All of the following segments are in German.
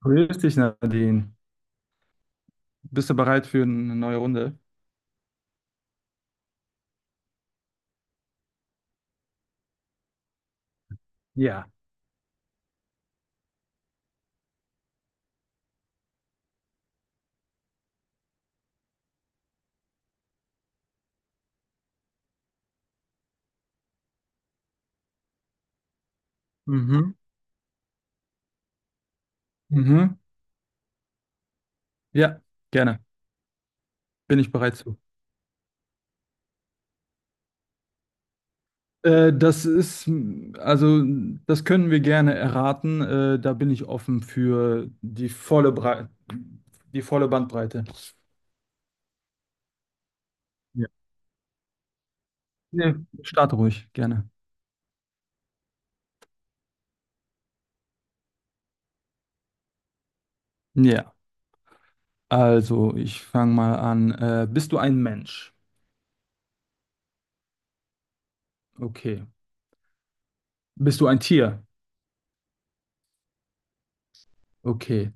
Grüß dich, Nadine. Bist du bereit für eine neue Runde? Ja. Mhm. Mhm. Ja, gerne. Bin ich bereit zu. Das ist, also, das können wir gerne erraten. Da bin ich offen für die volle Bandbreite. Ja. Nee, start ruhig, gerne. Ja, also, ich fange mal an. Bist du ein Mensch? Okay. Bist du ein Tier? Okay.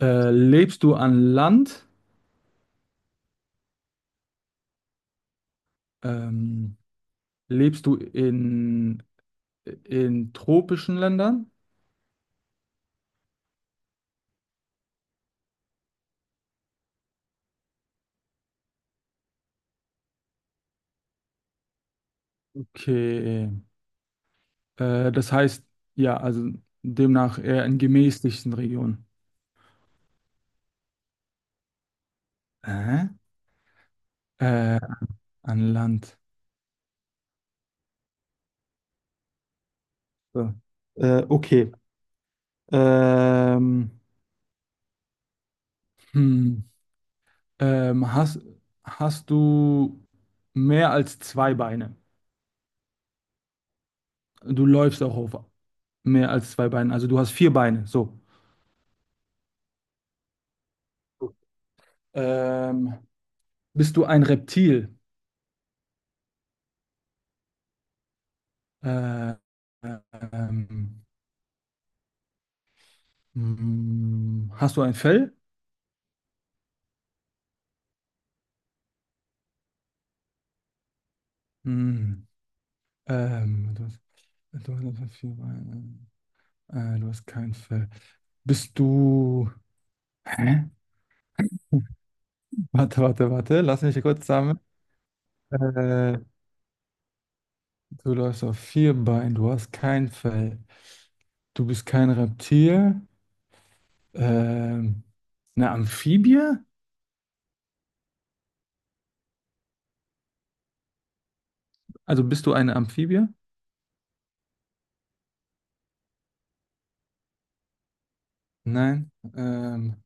Lebst du an Land? Ähm, Lebst du in tropischen Ländern? Okay. Das heißt, ja, also demnach eher in gemäßigten Regionen. Hä? Äh, an Land. So. Okay. Ähm, hm. Ähm, hast, hast du mehr als zwei Beine? Du läufst auch auf mehr als zwei Beinen. Also du hast vier Beine. So. Ähm, bist du ein Reptil? Äh, ähm, Hast du ein Fell? Hm. Ähm, du hast, du hast vier Beine. Du hast kein Fell. Bist du. Hä? Warte, warte, warte. Lass mich kurz sammeln. Äh, du läufst auf vier Beinen. Du hast kein Fell. Du bist kein Reptil. Ähm, eine Amphibie? Also bist du eine Amphibie? Nein. Ähm,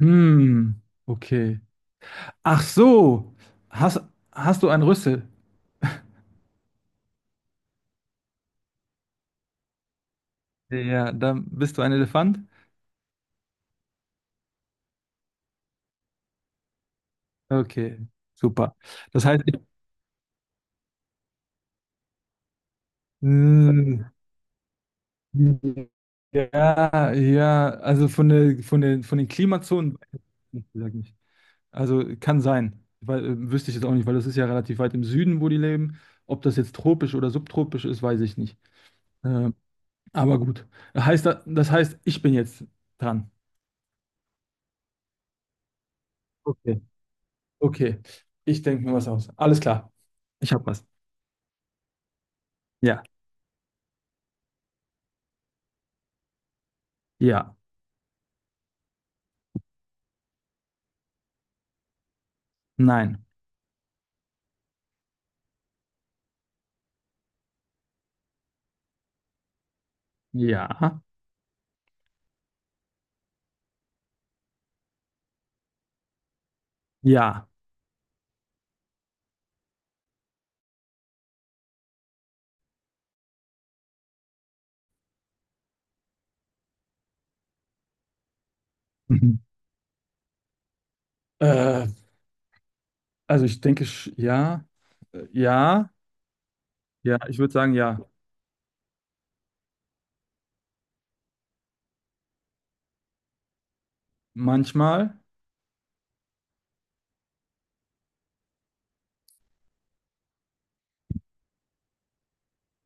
hm. Okay. Ach so. Hast, hast du einen Rüssel? Ja, dann bist du ein Elefant? Okay, super. Das heißt, ich, mm, ja, ja, also von den Klimazonen, sag ich. Also kann sein, weil, wüsste ich jetzt auch nicht, weil das ist ja relativ weit im Süden, wo die leben. Ob das jetzt tropisch oder subtropisch ist, weiß ich nicht. Ähm, aber gut. Heißt, das heißt, ich bin jetzt dran. Okay. Okay. Ich denke mir was aus. Alles klar. Ich habe was. Ja. Ja. Nein. Ja. Ja. Mhm. Äh, also ich denke, ja, ja, ja, ich würde sagen, ja. Manchmal,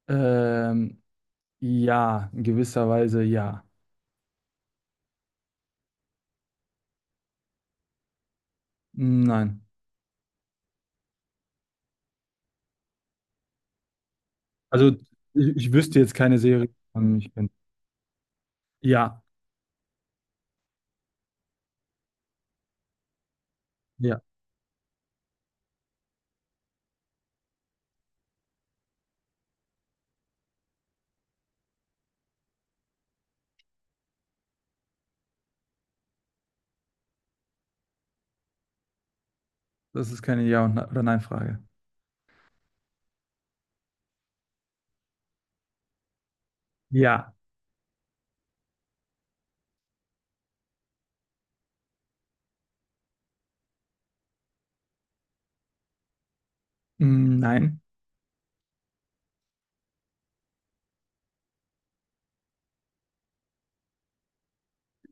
ähm, ja, in gewisser Weise, ja. Nein. Also ich wüsste jetzt keine Serie, von ich bin. Ja, ja, das ist keine Ja- und Ne- oder Nein-Frage. Ja, mm, nein.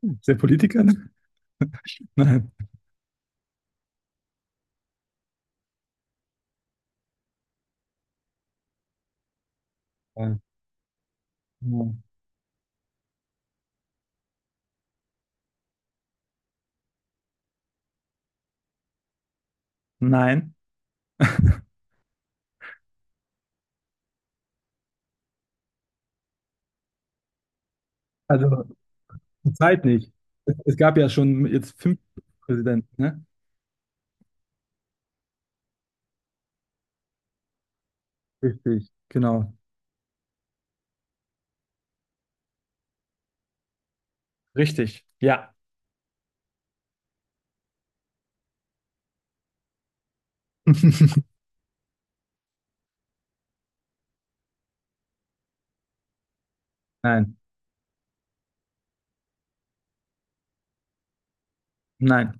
Ist der Politiker? Ne? Nein. Ja. Nein. Also zur Zeit nicht. Es gab ja schon jetzt 5 Präsidenten, ne? Richtig, genau. Richtig. Ja. Nein, nein,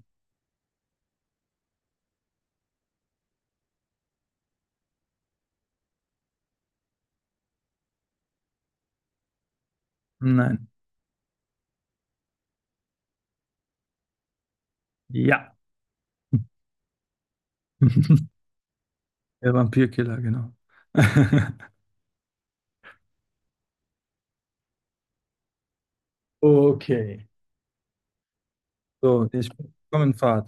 nein. Ja. Der Vampirkiller, genau. Okay. So, ich komme in Fahrt.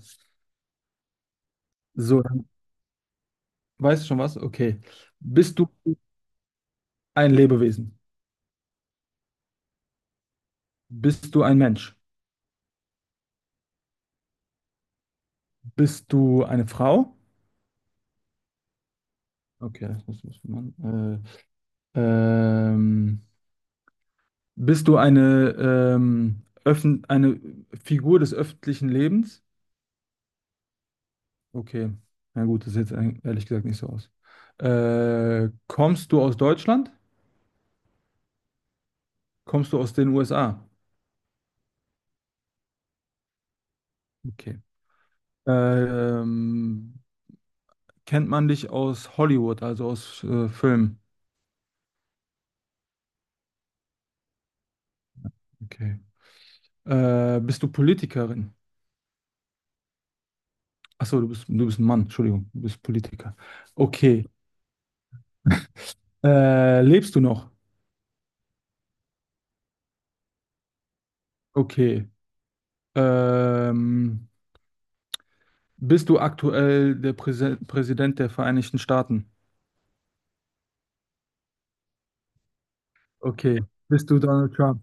So, dann weißt du schon was? Okay. Bist du ein Lebewesen? Bist du ein Mensch? Bist du eine Frau? Okay, das muss man. Äh, ähm, bist du eine, öffn eine Figur des öffentlichen Lebens? Okay. Na gut, das sieht jetzt ehrlich gesagt nicht so aus. Kommst du aus Deutschland? Kommst du aus den USA? Okay. Ähm, kennt man dich aus Hollywood, also aus Filmen? Okay. Bist du Politikerin? Achso, du bist ein Mann, Entschuldigung, du bist Politiker. Okay. Lebst du noch? Okay. Ähm, bist du aktuell der Präse Präsident der Vereinigten Staaten? Okay. Bist du Donald Trump?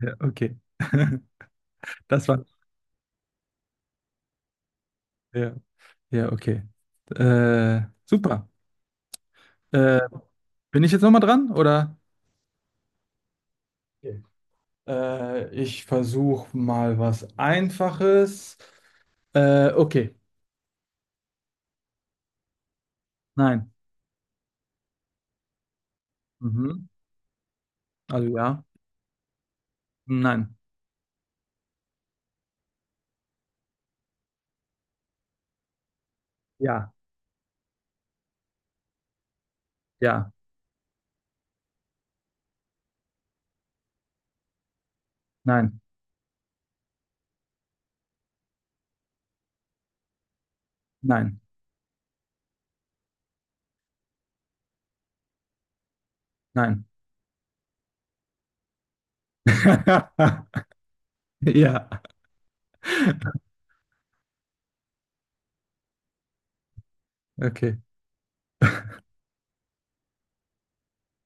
Ja, okay. Das war. Ja, ja, okay. Super. Äh, bin ich jetzt nochmal dran, oder? Okay. Ich versuche mal was Einfaches. Okay. Nein. Mhm. Also ja. Nein. Ja. Ja. Nein. Nein. Nein. Ja. Okay.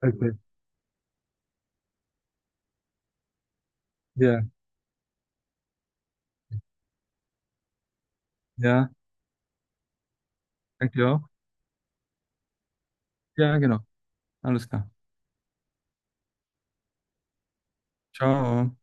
Okay. Ja. Ja. Danke dir auch. Ja, genau. Alles klar. Ciao.